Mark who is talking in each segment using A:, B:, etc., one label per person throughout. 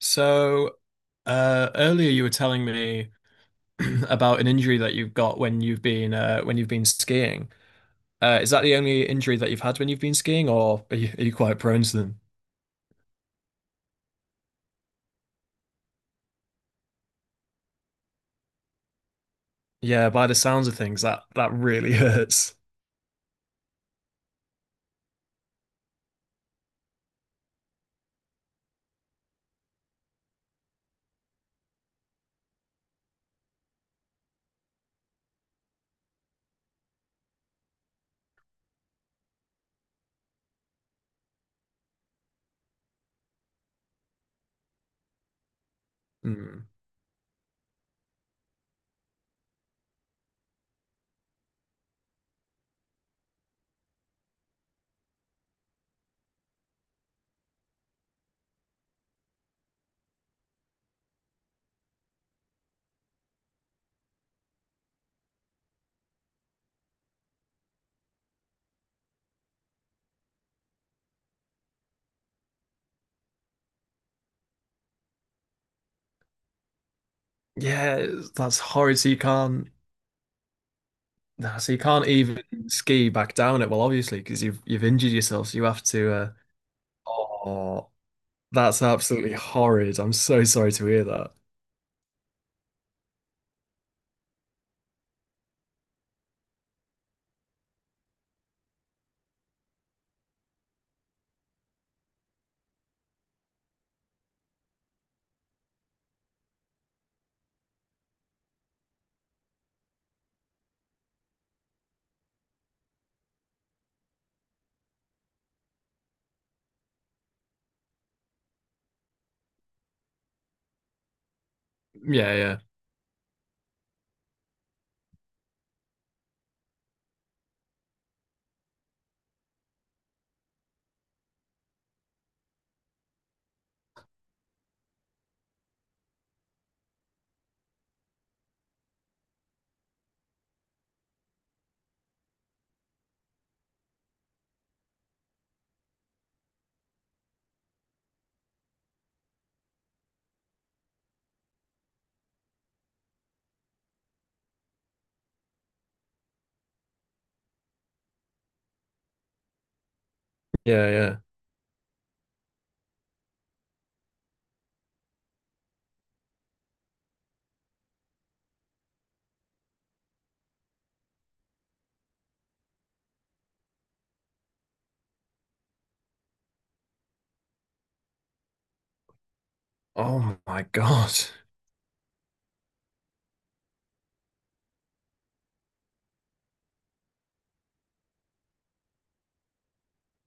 A: So, earlier you were telling me about an injury that you've got when you've been skiing. Is that the only injury that you've had when you've been skiing, or are you quite prone to them? Yeah, by the sounds of things, that really hurts. Mm. That's horrid. So you can't, nah, so you can't even ski back down it. Well, obviously, because you've injured yourself, so you have to. Oh, that's absolutely horrid. I'm so sorry to hear that. Yeah, yeah. Oh my God.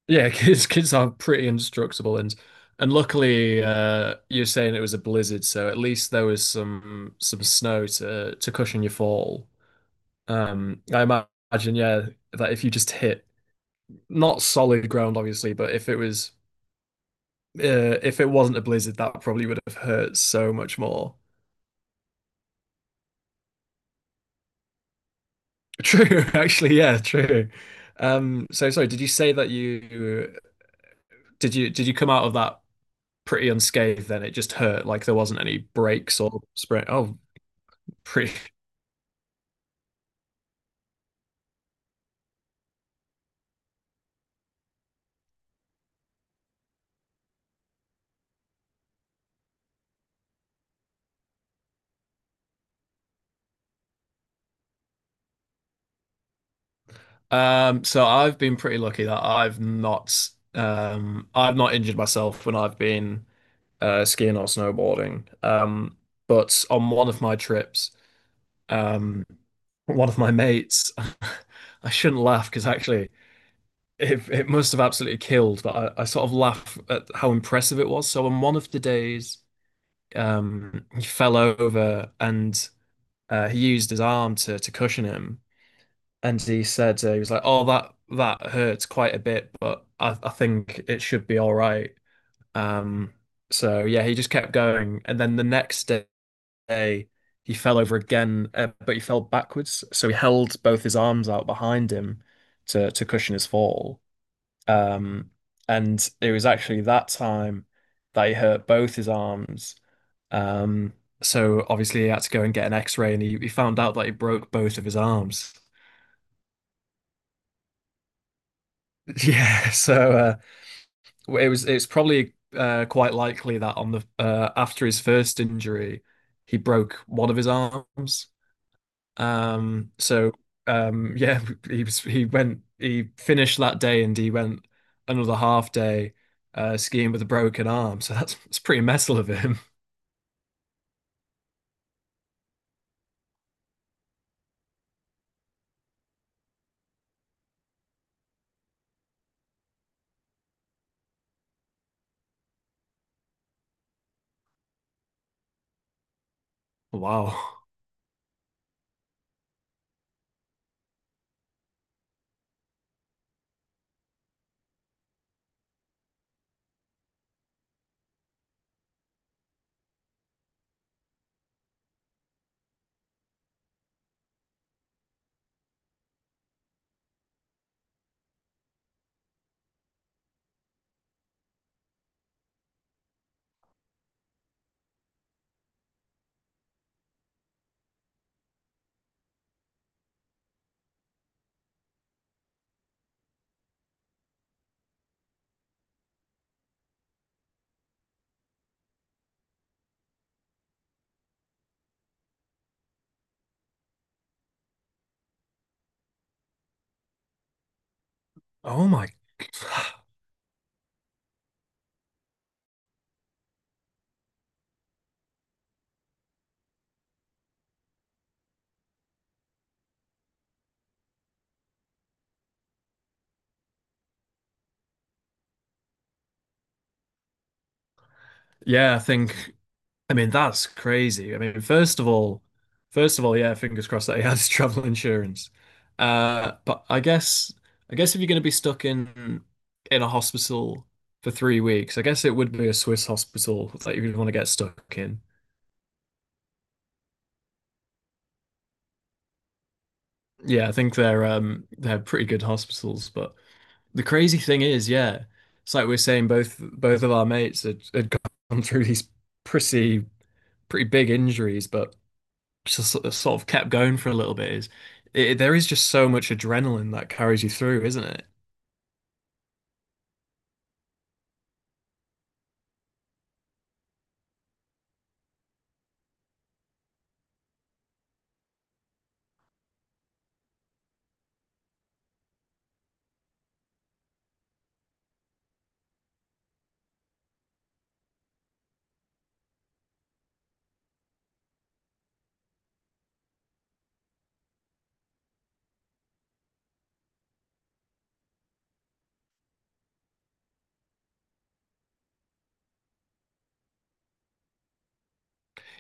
A: Yeah, kids are pretty indestructible, and luckily you're saying it was a blizzard, so at least there was some snow to cushion your fall. Imagine, yeah, that if you just hit not solid ground obviously, but if it was if it wasn't a blizzard, that probably would have hurt so much more. True, actually, yeah, true. So sorry, did you say that you did you come out of that pretty unscathed, then it just hurt, like there wasn't any breaks or sprain oh pretty so I've been pretty lucky that I've not injured myself when I've been skiing or snowboarding, but on one of my trips, um one of my mates I shouldn't laugh, because actually it must have absolutely killed, but I sort of laugh at how impressive it was. So on one of the days, he fell over, and he used his arm to cushion him, and he said, he was like, "Oh, that hurts quite a bit, but I think it should be all right." Um, so yeah, he just kept going, and then the next day he fell over again, but he fell backwards, so he held both his arms out behind him to cushion his fall. Um, and it was actually that time that he hurt both his arms, um, so obviously he had to go and get an X-ray, and he found out that he broke both of his arms. Yeah, so it was, it's probably quite likely that on the after his first injury, he broke one of his arms. Um, so yeah, he was he went he finished that day, and he went another half day skiing with a broken arm. So that's it's pretty metal of him. Wow. Oh my. Yeah, I think, I mean, that's crazy. I mean, first of all, yeah, fingers crossed that he has travel insurance. But I guess if you're going to be stuck in a hospital for 3 weeks, I guess it would be a Swiss hospital that you would want to get stuck in. Yeah, I think they're pretty good hospitals. But the crazy thing is, yeah, it's like we we're saying both of our mates had, had gone through these pretty pretty big injuries, but just sort of kept going for a little bit. Is it, there is just so much adrenaline that carries you through, isn't it?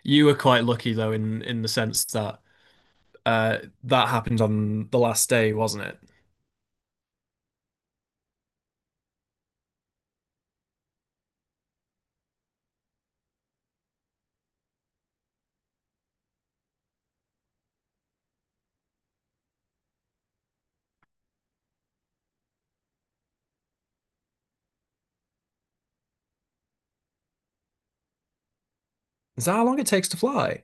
A: You were quite lucky though, in the sense that that happened on the last day, wasn't it? Is that how long it takes to fly?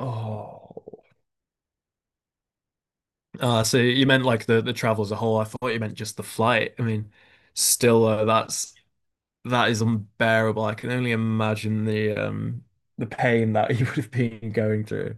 A: Oh. Ah, so you meant like the travel as a whole. I thought you meant just the flight. I mean, still that's that is unbearable. I can only imagine the pain that you would have been going through.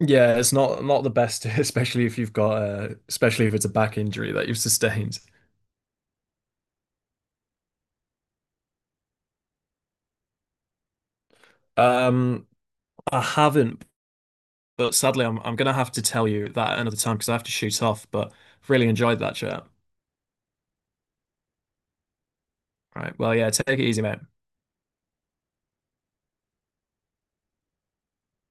A: Yeah, it's not not the best, especially if you've got especially if it's a back injury that you've sustained. Um, I haven't, but sadly, I'm gonna have to tell you that another time, because I have to shoot off. But really enjoyed that chat. Right. Well, yeah, take it easy, mate.